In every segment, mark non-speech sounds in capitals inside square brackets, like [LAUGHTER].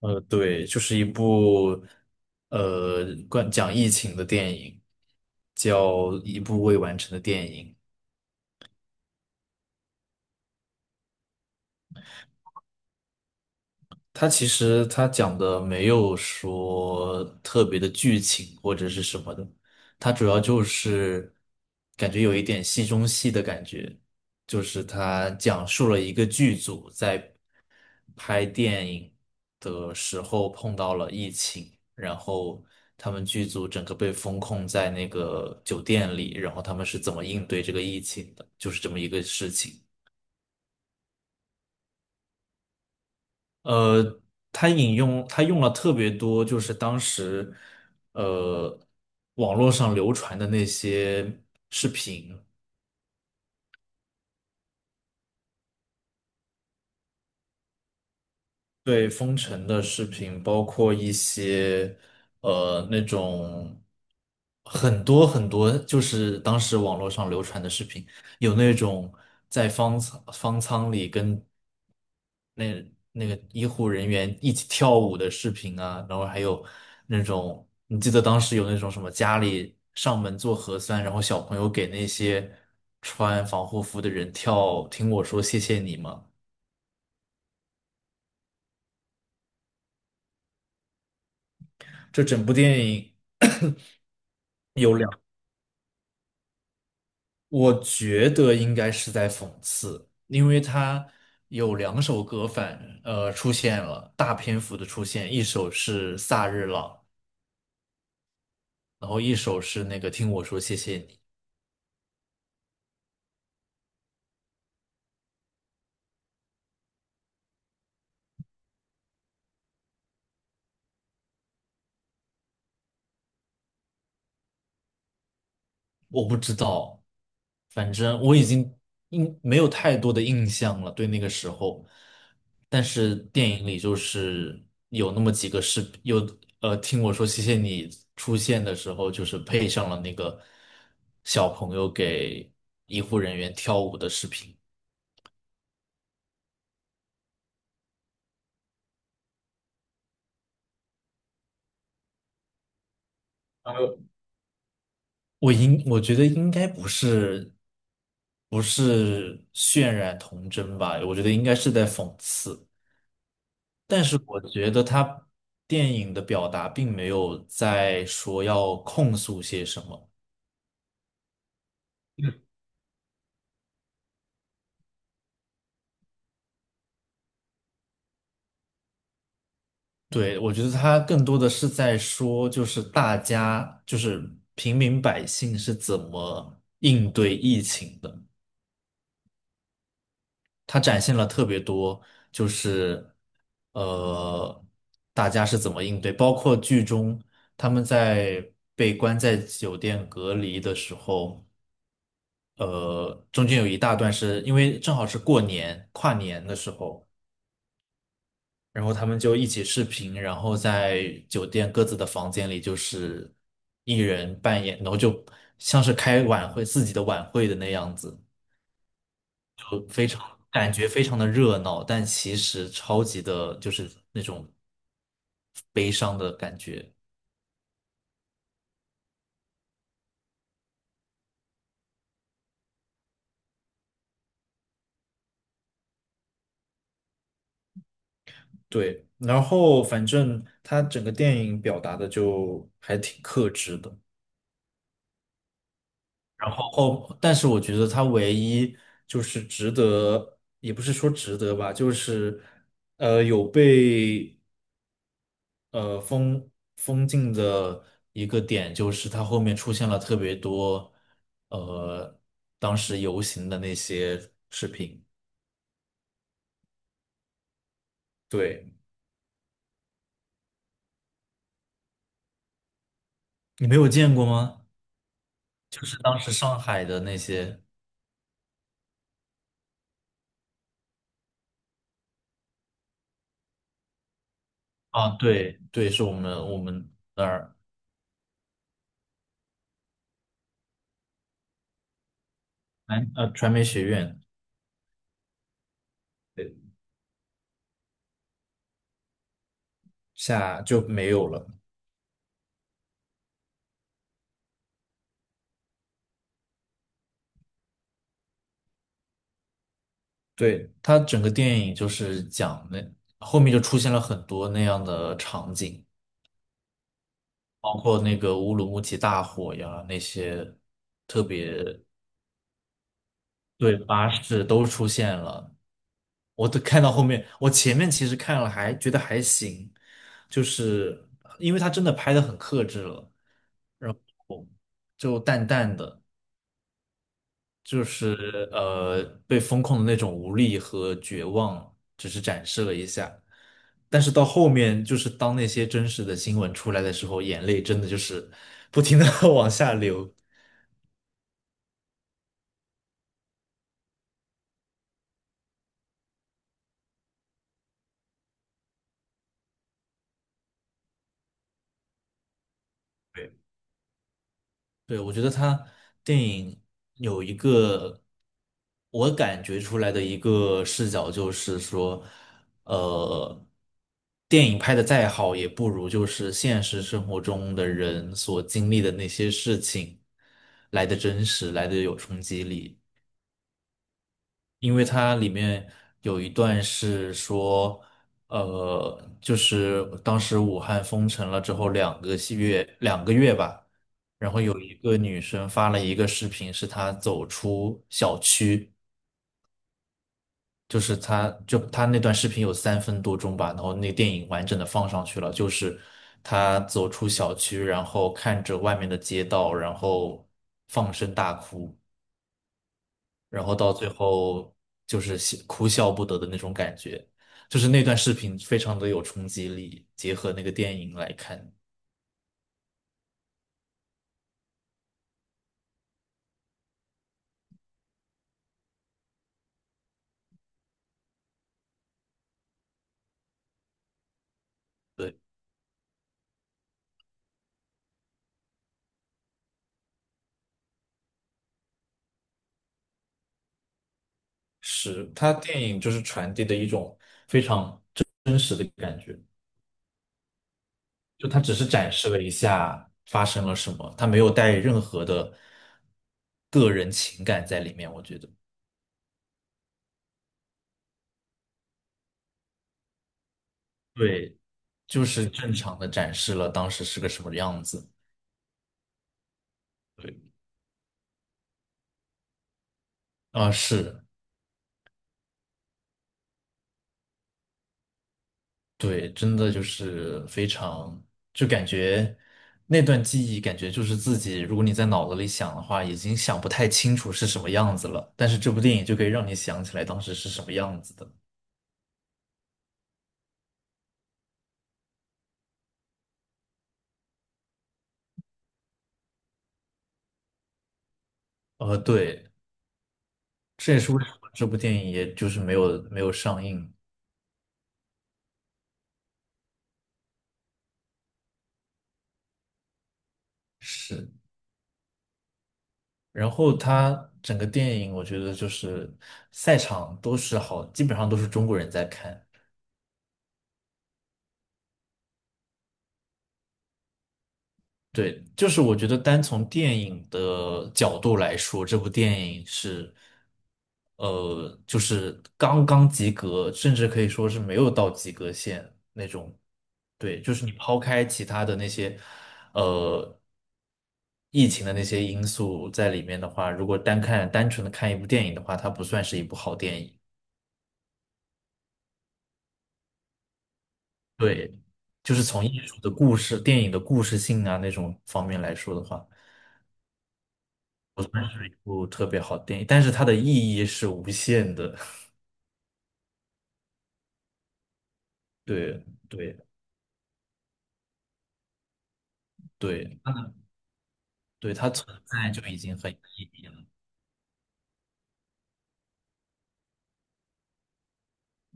对，就是一部讲疫情的电影，叫一部未完成的电影。它其实讲的没有说特别的剧情或者是什么的，它主要就是感觉有一点戏中戏的感觉，就是它讲述了一个剧组在拍电影的时候碰到了疫情，然后他们剧组整个被封控在那个酒店里，然后他们是怎么应对这个疫情的，就是这么一个事情。呃，他用了特别多，就是当时呃网络上流传的那些。视频。对，封城的视频，包括一些呃那种很多很多，就是当时网络上流传的视频，有那种在方舱里跟那个医护人员一起跳舞的视频啊，然后还有那种你记得当时有那种什么家里上门做核酸，然后小朋友给那些穿防护服的人跳，听我说谢谢你吗？这整部电影 [COUGHS] 有。两。我觉得应该是在讽刺，因为他有两首歌出现了，大篇幅的出现，一首是《萨日朗》，然后一首是那个《听我说谢谢你》。我不知道，反正我已经没有太多的印象了，对那个时候。但是电影里就是有那么几个视频，有听我说谢谢你出现的时候，就是配上了那个小朋友给医护人员跳舞的视频。呃，我觉得应该不是渲染童真吧，我觉得应该是在讽刺。但是我觉得他电影的表达并没有在说要控诉些什么，对，我觉得他更多的是在说，就是大家，就是平民百姓是怎么应对疫情的。他展现了特别多，就是呃，大家是怎么应对，包括剧中他们在被关在酒店隔离的时候。呃，中间有一大段是因为正好是过年跨年的时候，然后他们就一起视频，然后在酒店各自的房间里，就是一人扮演，然后就像是开晚会自己的晚会的那样子，就非常感觉非常的热闹，但其实超级的就是那种悲伤的感觉。对，然后反正他整个电影表达的就还挺克制的。然后后，但是我觉得他唯一就是值得，也不是说值得吧，就是有被呃封封禁的一个点，就是他后面出现了特别多呃当时游行的那些视频，对，你没有见过吗？就是当时上海的那些。啊，对,是我们那儿传媒学院。对，下就没有了。对，它整个电影就是讲那后面就出现了很多那样的场景，包括那个乌鲁木齐大火呀，那些特别。对，巴士都出现了。我都看到后面，我前面其实看了还觉得还行，就是因为它真的拍的很克制了，然后就淡淡的。就是被封控的那种无力和绝望，只是展示了一下。但是到后面，就是当那些真实的新闻出来的时候，眼泪真的就是不停的 [LAUGHS] 往下流。对。对，我觉得他电影有一个我感觉出来的一个视角，就是说，呃，电影拍的再好，也不如就是现实生活中的人所经历的那些事情来的真实，来的有冲击力。因为它里面有一段是说，就是当时武汉封城了之后两个月吧，然后有一个女生发了一个视频，是她走出小区，就是她那段视频有三分多钟吧，然后那电影完整的放上去了，就是她走出小区，然后看着外面的街道，然后放声大哭。然后到最后就是笑哭笑不得的那种感觉，就是那段视频非常的有冲击力，结合那个电影来看，对，是它电影就是传递的一种非常真实的感觉，就它只是展示了一下发生了什么，它没有带任何的个人情感在里面，我觉得，对，就是正常的展示了当时是个什么样子，对，啊，是。对，真的就是非常，就感觉那段记忆，感觉就是自己，如果你在脑子里想的话，已经想不太清楚是什么样子了。但是这部电影就可以让你想起来当时是什么样子的。对，这也是为什么这部电影也就是没有上映。是，然后它整个电影，我觉得就是赛场都是好，基本上都是中国人在看。对，就是我觉得单从电影的角度来说，这部电影是，就是刚刚及格，甚至可以说是没有到及格线。对，就是你抛开其他的那些，呃，疫情的那些因素在里面的话，如果单看单纯的看一部电影的话，它不算是一部好电影。对，就是从艺术的故事、电影的故事性啊那种方面来说的话。不特别好的电影，但是它的意义是无限的。对对对对，它存在就已经很有意义了。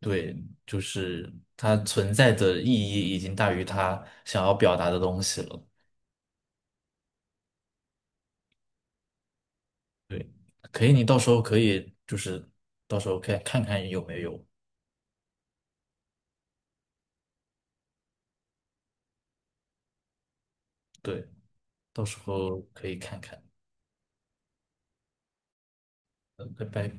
对，就是它存在的意义已经大于它想要表达的东西了。对，可以，你到时候可以就是到时候可以看看有没有，对，到时候可以看看。拜拜。